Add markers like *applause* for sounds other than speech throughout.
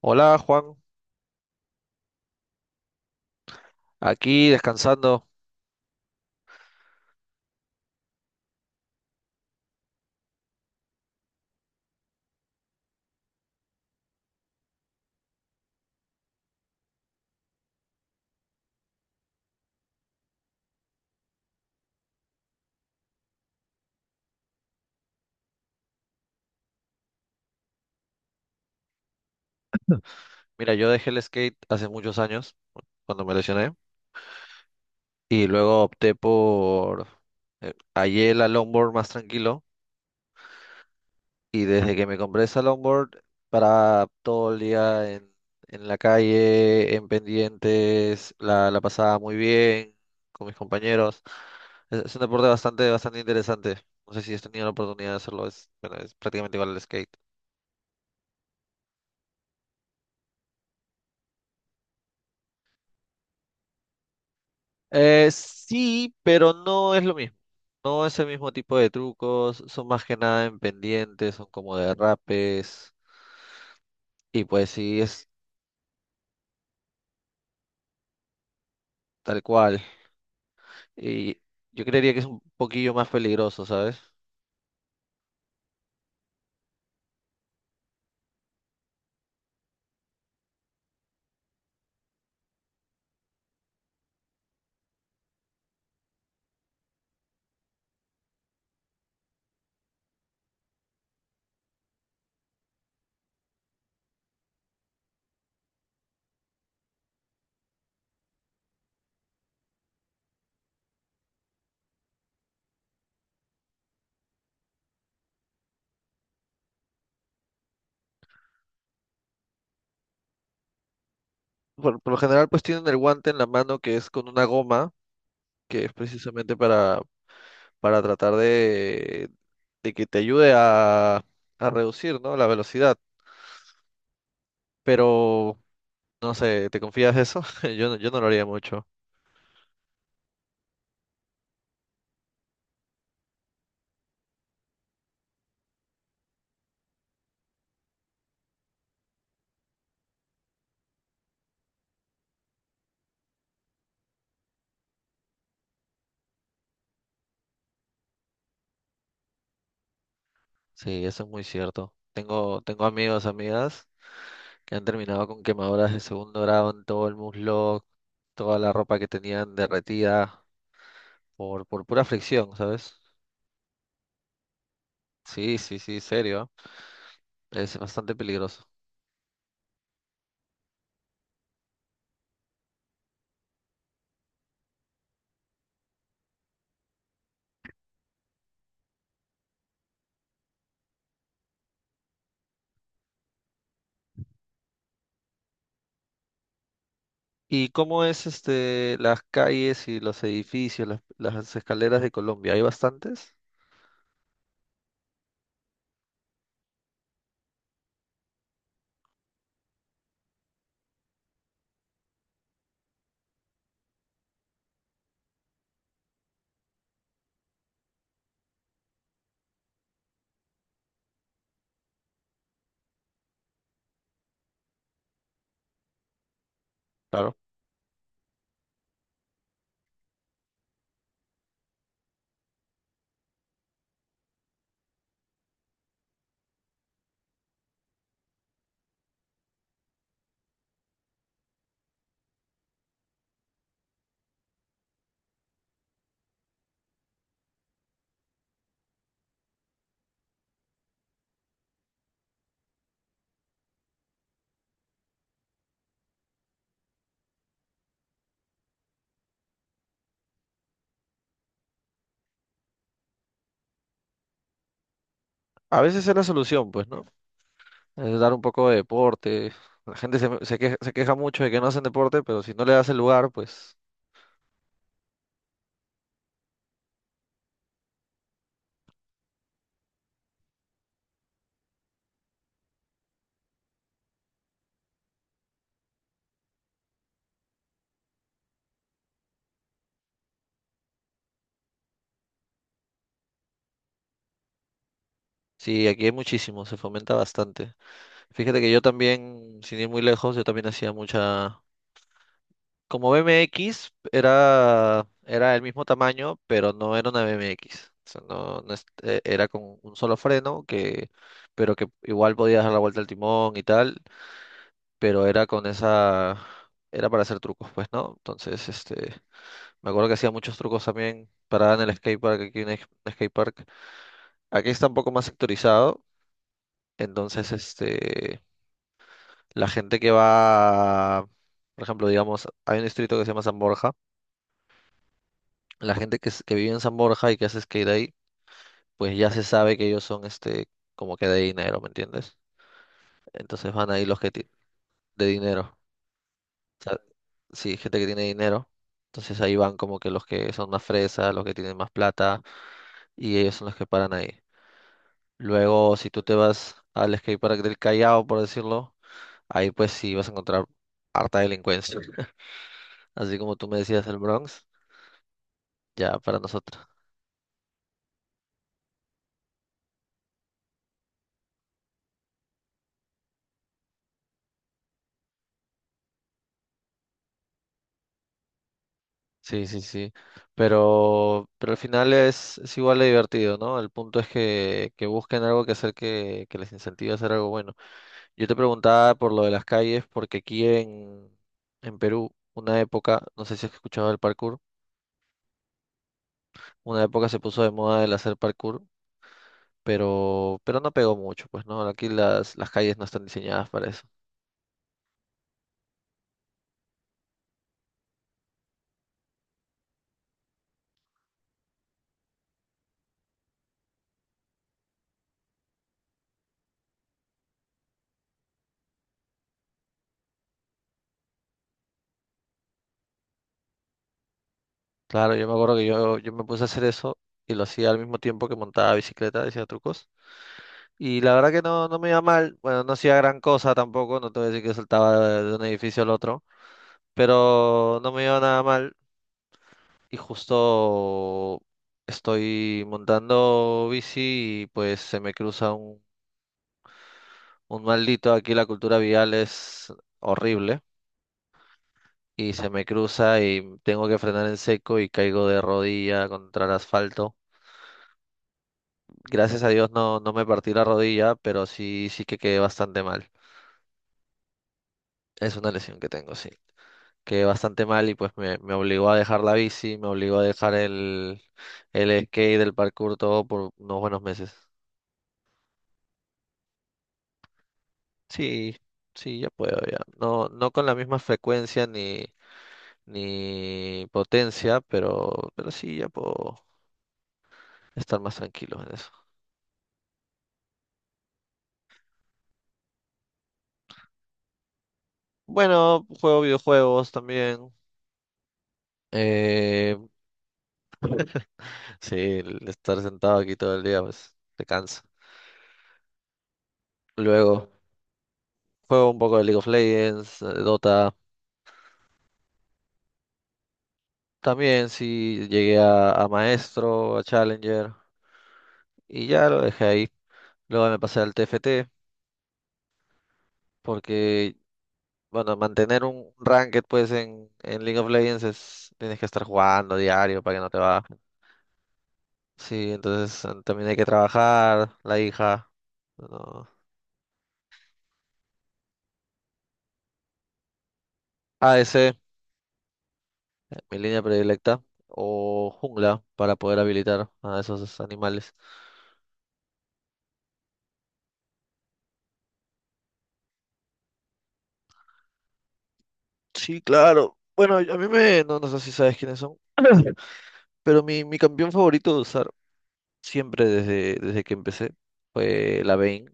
Hola Juan, aquí descansando. Mira, yo dejé el skate hace muchos años, cuando me lesioné, y luego hallé la longboard más tranquilo, y desde que me compré esa longboard, para todo el día en la calle, en pendientes, la pasaba muy bien con mis compañeros. Es un deporte bastante, bastante interesante. No sé si has tenido la oportunidad de hacerlo, bueno, es prácticamente igual al skate. Sí, pero no es lo mismo. No es el mismo tipo de trucos, son más que nada en pendientes, son como derrapes, y pues sí, es tal cual. Y yo creería que es un poquillo más peligroso, ¿sabes? Por lo general, pues tienen el guante en la mano que es con una goma, que es precisamente para tratar de que te ayude a reducir, ¿no?, la velocidad. Pero no sé, ¿te confías de eso? *laughs* Yo no lo haría mucho. Sí, eso es muy cierto. Tengo amigos, amigas que han terminado con quemaduras de segundo grado en todo el muslo, toda la ropa que tenían derretida por pura fricción, ¿sabes? Sí, sí, sí, serio. ¿Eh? Es bastante peligroso. ¿Y cómo es las calles y los edificios, las escaleras de Colombia? ¿Hay bastantes? Claro. A veces es la solución, pues, ¿no? Es dar un poco de deporte. La gente se queja mucho de que no hacen deporte, pero si no le das el lugar, pues sí, aquí hay muchísimo, se fomenta bastante. Fíjate que yo también, sin ir muy lejos, yo también hacía mucha... Como BMX era el mismo tamaño, pero no era una BMX. O sea, no, no era con un solo freno, pero que igual podías dar la vuelta al timón y tal, pero era con esa... Era para hacer trucos, pues, ¿no? Entonces, me acuerdo que hacía muchos trucos también parada en el skatepark, aquí en el skatepark. Aquí está un poco más sectorizado, entonces, la gente que va, por ejemplo, digamos, hay un distrito que se llama San Borja. La gente que vive en San Borja y que hace skate ahí, pues ya se sabe que ellos son, como que de dinero, ¿me entiendes? Entonces van ahí los que de dinero. O sea, sí, gente que tiene dinero. Entonces ahí van como que los que son más fresas, los que tienen más plata, y ellos son los que paran ahí. Luego, si tú te vas al skatepark del Callao, por decirlo, ahí pues sí vas a encontrar harta delincuencia. *laughs* Así como tú me decías el Bronx, ya para nosotros. Sí, sí, sí. Pero al final es igual de divertido, ¿no? El punto es que busquen algo que hacer que les incentive a hacer algo bueno. Yo te preguntaba por lo de las calles, porque aquí en Perú, una época, no sé si has escuchado del parkour, una época se puso de moda el hacer parkour, pero no pegó mucho, pues, ¿no? Aquí las calles no están diseñadas para eso. Claro, yo me acuerdo que yo me puse a hacer eso y lo hacía al mismo tiempo que montaba bicicleta, decía trucos. Y la verdad que no, no me iba mal. Bueno, no hacía gran cosa tampoco. No te voy a decir que saltaba de un edificio al otro. Pero no me iba nada mal. Y justo estoy montando bici y pues se me cruza un maldito. Aquí la cultura vial es horrible. Y se me cruza y tengo que frenar en seco y caigo de rodilla contra el asfalto. Gracias a Dios no, no me partí la rodilla, pero sí, sí que quedé bastante mal. Es una lesión que tengo, sí, que bastante mal, y pues me obligó a dejar la bici, me obligó a dejar el skate, el parkour, todo por unos buenos meses. Sí, sí, ya puedo, ya. No, no con la misma frecuencia ni, ni potencia, pero sí, ya puedo estar más tranquilo en eso. Bueno, juego videojuegos también. Eh, sí, el estar sentado aquí todo el día, pues te cansa. Luego, juego un poco de League of Legends, Dota. También sí llegué a maestro, a Challenger, y ya lo dejé ahí. Luego me pasé al TFT porque, bueno, mantener un ranked pues en League of Legends, tienes que estar jugando diario para que no te bajen. Sí, entonces también hay que trabajar, la hija, no. ADC, mi línea predilecta, o jungla para poder habilitar a esos animales. Sí, claro. Bueno, no, no sé si sabes quiénes son, *clears throat* pero mi campeón favorito de usar siempre desde que empecé fue la Vane,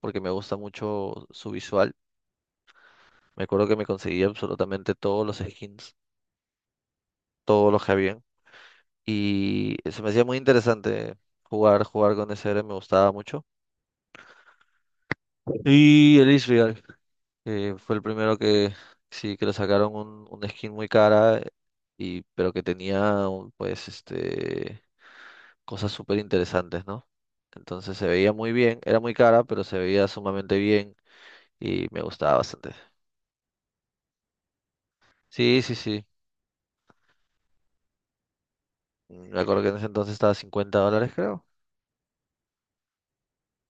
porque me gusta mucho su visual. Me acuerdo que me conseguía absolutamente todos los skins, todos los que habían, y se me hacía muy interesante jugar con ese héroe, me gustaba mucho. Y el Israel, que fue el primero que sí que le sacaron un, skin muy cara, y pero que tenía pues cosas súper interesantes, ¿no? Entonces se veía muy bien, era muy cara, pero se veía sumamente bien y me gustaba bastante. Sí, sí, sí. Me acuerdo que en ese entonces estaba a $50, creo.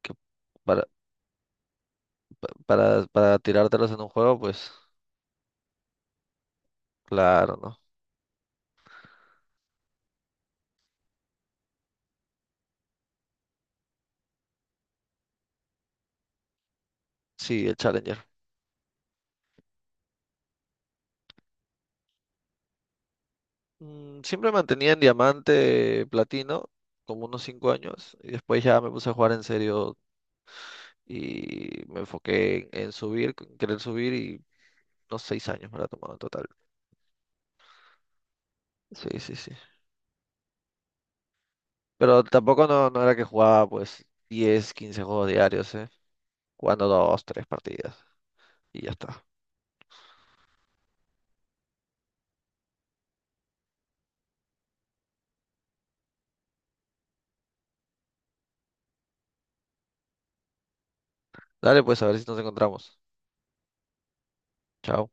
Que para, pa- para, para tirártelos en un juego, pues claro, ¿no? Sí, el Challenger. Siempre mantenía en diamante, platino, como unos 5 años, y después ya me puse a jugar en serio y me enfoqué en subir, en querer subir, y unos 6 años me lo ha tomado en total. Sí, sí, sí. Pero tampoco no, no era que jugaba pues 10 15 juegos diarios, ¿eh? Jugando 2, 3 partidas y ya está. Dale, pues a ver si nos encontramos. Chao.